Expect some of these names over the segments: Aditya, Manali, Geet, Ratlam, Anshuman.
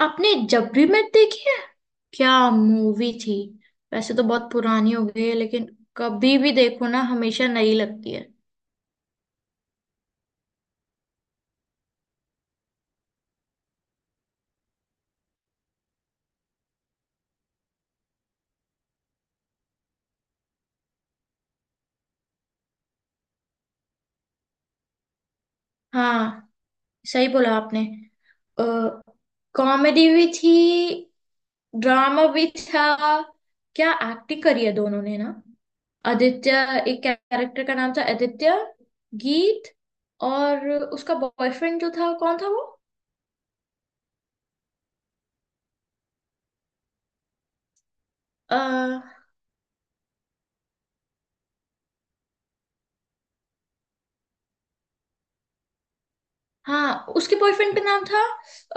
आपने जब भी मैं देखी है, क्या मूवी थी। वैसे तो बहुत पुरानी हो गई है, लेकिन कभी भी देखो ना, हमेशा नई लगती है। हाँ, सही बोला आपने। कॉमेडी भी थी, ड्रामा भी था। क्या एक्टिंग करी है दोनों ने ना। आदित्य, एक कैरेक्टर का नाम था आदित्य। गीत, और उसका बॉयफ्रेंड जो था, कौन था? वो... हाँ, उसके बॉयफ्रेंड का नाम था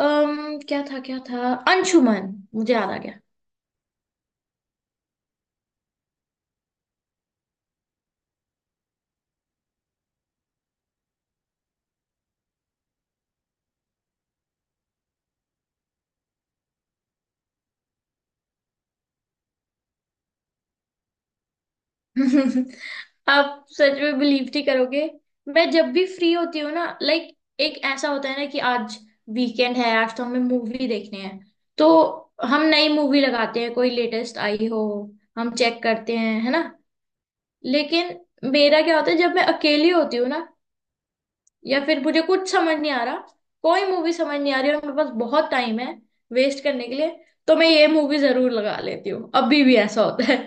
क्या था क्या था, अंशुमन, मुझे याद आ गया। आप सच में बिलीव नहीं करोगे। मैं जब भी फ्री होती हूँ ना, लाइक एक ऐसा होता है ना कि आज वीकेंड है, आज तो हमें मूवी देखने हैं। तो हम नई मूवी लगाते हैं, कोई लेटेस्ट आई हो हम चेक करते हैं, है ना। लेकिन मेरा क्या होता है, जब मैं अकेली होती हूँ ना, या फिर मुझे कुछ समझ नहीं आ रहा, कोई मूवी समझ नहीं आ रही और मेरे पास बहुत टाइम है वेस्ट करने के लिए, तो मैं ये मूवी जरूर लगा लेती हूँ। अभी भी ऐसा होता है।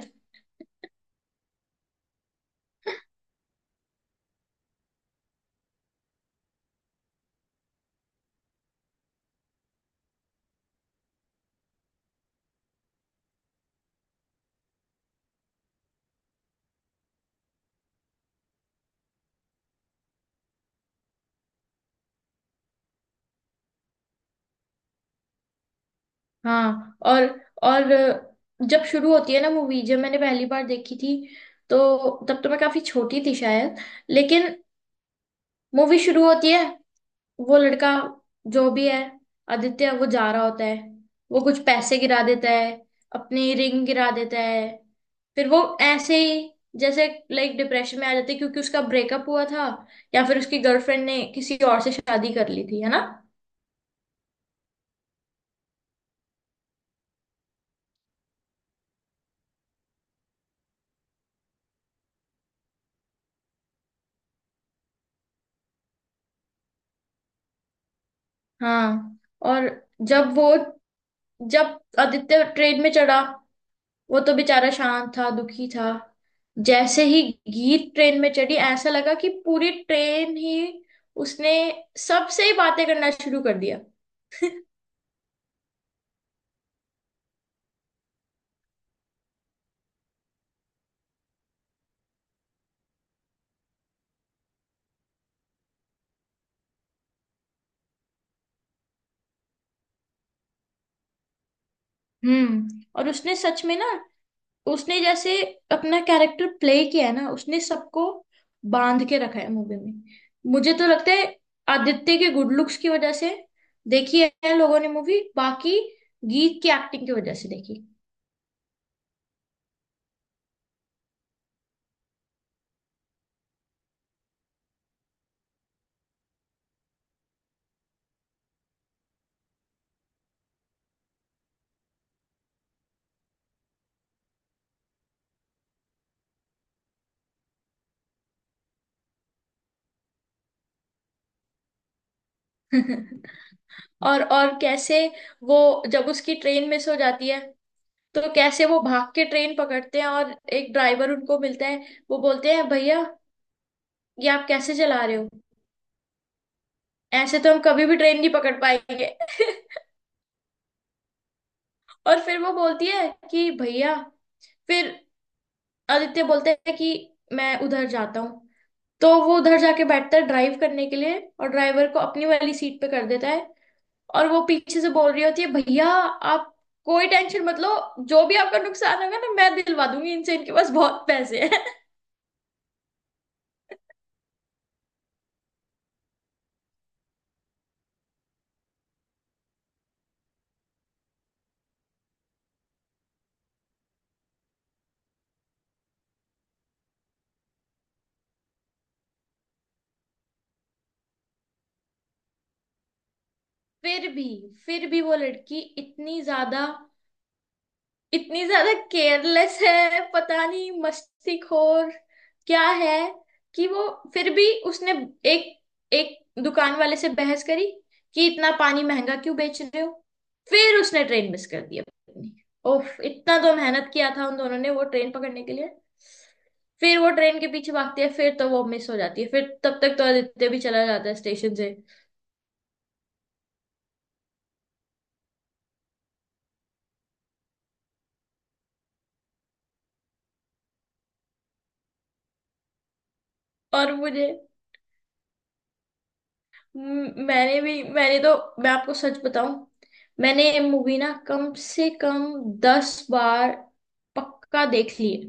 हाँ। और जब शुरू होती है ना मूवी, जब मैंने पहली बार देखी थी, तो तब तो मैं काफी छोटी थी शायद। लेकिन मूवी शुरू होती है, वो लड़का जो भी है, आदित्य, वो जा रहा होता है। वो कुछ पैसे गिरा देता है, अपनी रिंग गिरा देता है। फिर वो ऐसे ही जैसे लाइक डिप्रेशन में आ जाते, क्योंकि उसका ब्रेकअप हुआ था, या फिर उसकी गर्लफ्रेंड ने किसी और से शादी कर ली थी, है ना। हाँ, और जब वो, जब आदित्य ट्रेन में चढ़ा, वो तो बेचारा शांत था, दुखी था। जैसे ही गीत ट्रेन में चढ़ी, ऐसा लगा कि पूरी ट्रेन ही उसने, सबसे ही बातें करना शुरू कर दिया। हम्म, और उसने सच में ना, उसने जैसे अपना कैरेक्टर प्ले किया है ना, उसने सबको बांध के रखा है मूवी में। मुझे तो लगता है आदित्य के गुड लुक्स की वजह से देखी है लोगों ने मूवी, बाकी गीत की एक्टिंग की वजह से देखी। और कैसे वो, जब उसकी ट्रेन मिस हो जाती है, तो कैसे वो भाग के ट्रेन पकड़ते हैं और एक ड्राइवर उनको मिलता है। वो बोलते हैं, भैया ये आप कैसे चला रहे हो, ऐसे तो हम कभी भी ट्रेन नहीं पकड़ पाएंगे। और फिर वो बोलती है कि भैया, फिर आदित्य बोलता है कि मैं उधर जाता हूँ, तो वो उधर जाके बैठता है ड्राइव करने के लिए और ड्राइवर को अपनी वाली सीट पे कर देता है। और वो पीछे से बोल रही होती है, भैया आप कोई टेंशन मत लो, जो भी आपका नुकसान होगा ना, मैं दिलवा दूंगी इनसे, इनके पास बहुत पैसे हैं। फिर भी फिर भी वो लड़की इतनी ज्यादा केयरलेस है, पता नहीं, मस्तीखोर क्या है, कि वो फिर भी उसने एक एक दुकान वाले से बहस करी कि इतना पानी महंगा क्यों बेच रहे हो। फिर उसने ट्रेन मिस कर दी अपनी। ओफ, इतना तो मेहनत किया था उन दोनों ने वो ट्रेन पकड़ने के लिए। फिर वो ट्रेन के पीछे भागती है, फिर तो वो मिस हो जाती है, फिर तब तक तो आदित्य भी चला जाता है स्टेशन से। और मुझे म- मैंने भी मैंने तो मैं आपको सच बताऊं, मैंने ये मूवी ना कम से कम 10 बार पक्का देख ली है।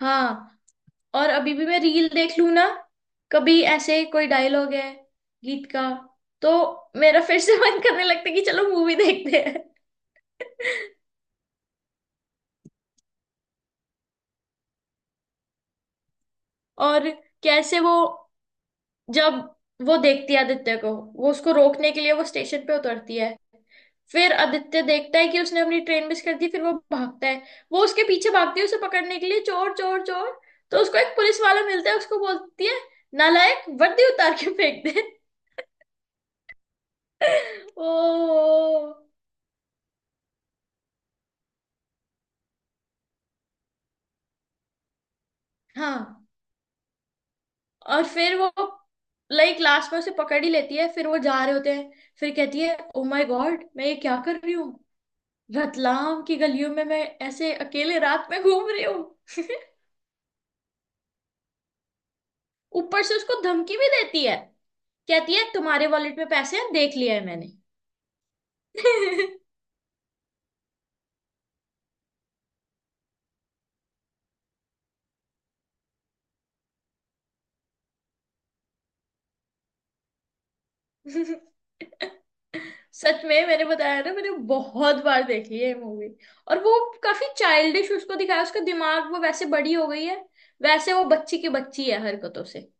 हाँ, और अभी भी मैं रील देख लूं ना, कभी ऐसे कोई डायलॉग है गीत का, तो मेरा फिर से मन करने लगता है कि चलो मूवी देखते हैं। और कैसे वो, जब वो देखती है आदित्य को, वो उसको रोकने के लिए वो स्टेशन पे उतरती है। फिर आदित्य देखता है कि उसने अपनी ट्रेन मिस कर दी, फिर वो भागता है, वो उसके पीछे भागती है उसे पकड़ने के लिए, चोर चोर चोर। तो उसको एक पुलिस वाला मिलता है, उसको बोलती है नालायक वर्दी उतार के फेंक दे। ओ, हाँ, और फिर वो लाइक लास्ट में उसे पकड़ ही लेती है, फिर वो जा रहे होते हैं, फिर कहती है ओ माय गॉड मैं ये क्या कर रही हूँ, रतलाम की गलियों में मैं ऐसे अकेले रात में घूम रही हूँ। ऊपर से उसको धमकी भी देती है, कहती है तुम्हारे वॉलेट में पैसे हैं देख लिया है मैंने। सच में, मैंने बताया ना, मैंने बहुत बार देखी है मूवी। और वो काफी चाइल्डिश उसको दिखाया, उसका दिमाग। वो वैसे बड़ी हो गई है, वैसे वो बच्ची की बच्ची है हरकतों से।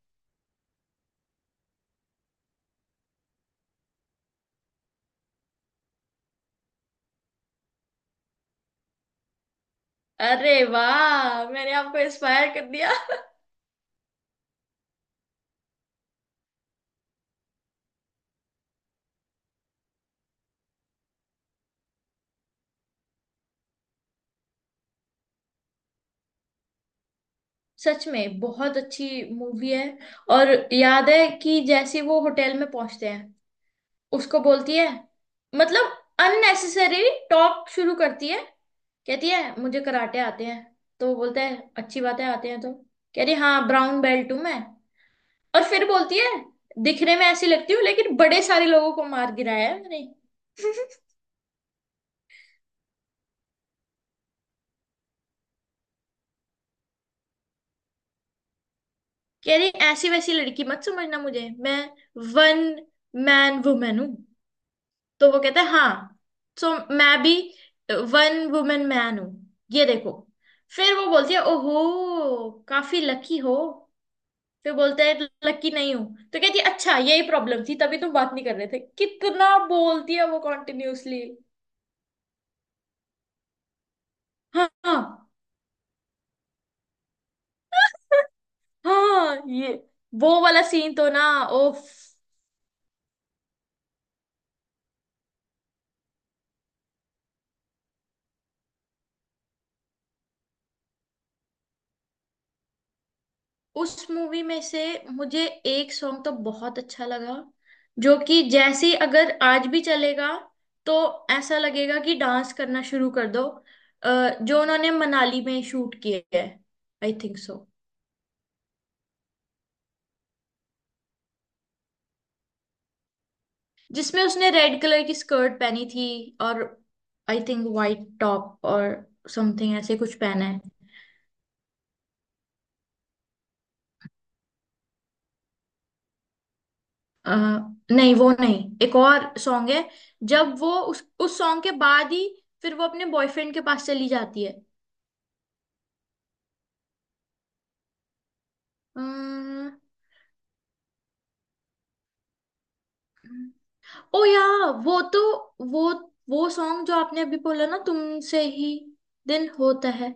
अरे वाह, मैंने आपको इंस्पायर कर दिया। सच में बहुत अच्छी मूवी है। और याद है कि जैसे वो होटल में पहुंचते हैं, उसको बोलती है, मतलब अननेसेसरी टॉक शुरू करती है। कहती है मुझे कराटे आते हैं, तो वो बोलता है अच्छी बात है, आते हैं तो। कह रही हाँ, ब्राउन बेल्ट हूँ मैं। और फिर बोलती है दिखने में ऐसी लगती हूँ, लेकिन बड़े सारे लोगों को मार गिराया है मैंने। कह रही ऐसी वैसी लड़की मत समझना मुझे, मैं वन मैन वुमेन हूँ। तो वो कहता है हाँ, सो मैं भी वन वुमेन मैन हूँ, ये देखो। फिर वो बोलती है ओहो, काफी लकी हो। फिर बोलता है लकी नहीं हूँ। तो कहती है अच्छा, यही प्रॉब्लम थी, तभी तुम बात नहीं कर रहे थे। कितना बोलती है वो कॉन्टिन्यूअसली। हाँ, हाँ। हाँ, ये वो वाला सीन तो ना, ओफ। उस मूवी में से मुझे एक सॉन्ग तो बहुत अच्छा लगा, जो कि जैसे ही अगर आज भी चलेगा, तो ऐसा लगेगा कि डांस करना शुरू कर दो। जो उन्होंने मनाली में शूट किया है। I think so. जिसमें उसने रेड कलर की स्कर्ट पहनी थी, और आई थिंक वाइट टॉप और समथिंग, ऐसे कुछ पहना है। अ, नहीं वो नहीं, एक और सॉन्ग है। जब वो उस सॉन्ग के बाद ही फिर वो अपने बॉयफ्रेंड के पास चली जाती है। ओ या, वो तो... वो वो सॉन्ग जो आपने अभी बोला ना, तुमसे ही दिन होता है,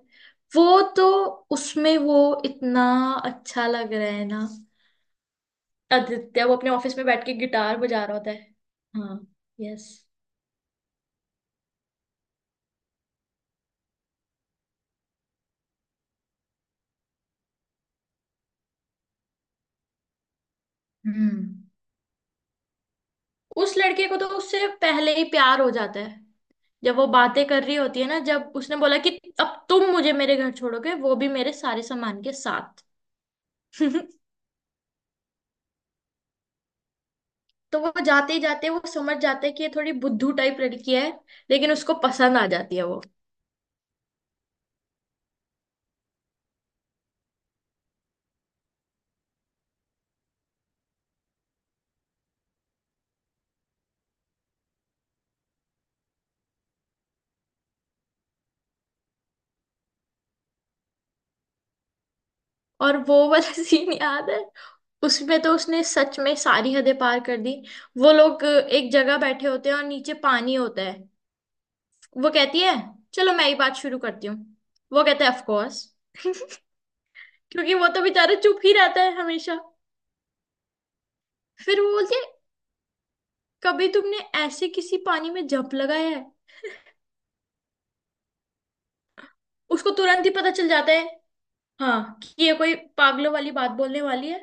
वो तो उसमें वो इतना अच्छा लग रहा है ना। आदित्य वो अपने ऑफिस में बैठ के गिटार बजा रहा होता है। हाँ, यस। हम्म। उस लड़के को तो उससे पहले ही प्यार हो जाता है, जब वो बातें कर रही होती है ना, जब उसने बोला कि अब तुम मुझे मेरे घर छोड़ोगे, वो भी मेरे सारे सामान के साथ। तो वो जाते ही जाते वो समझ जाता है कि ये थोड़ी बुद्धू टाइप लड़की है, लेकिन उसको पसंद आ जाती है वो। और वो वाला सीन याद है, उसमें तो उसने सच में सारी हदें पार कर दी। वो लोग एक जगह बैठे होते हैं और नीचे पानी होता है। वो कहती है चलो मैं ही बात शुरू करती हूँ। वो कहता है ऑफ कोर्स, क्योंकि वो तो बेचारा चुप ही रहता है हमेशा। फिर वो बोलती है कभी तुमने ऐसे किसी पानी में जंप लगाया है। उसको तुरंत ही पता चल जाता है, हाँ, कि ये कोई पागलों वाली बात बोलने वाली है।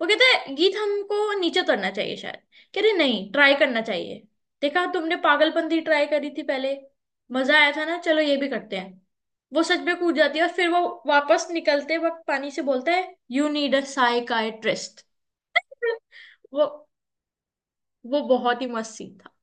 वो कहते हैं गीत हमको नीचे उतरना चाहिए शायद। कह रहे नहीं ट्राई करना चाहिए, देखा तुमने पागलपंती ट्राई करी थी पहले, मजा आया था ना, चलो ये भी करते हैं। वो सच में कूद जाती है और फिर वो वापस निकलते वक्त पानी से बोलता है यू नीड अ साइकाइट्रिस्ट। वो वो बहुत ही मस्त सीन था।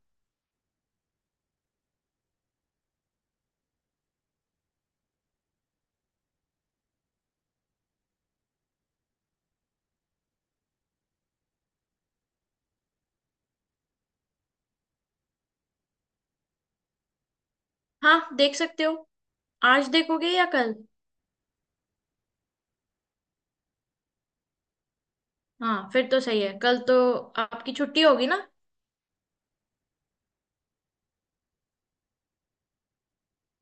हाँ, देख सकते हो। आज देखोगे या कल? हाँ, फिर तो सही है, कल तो आपकी छुट्टी होगी ना।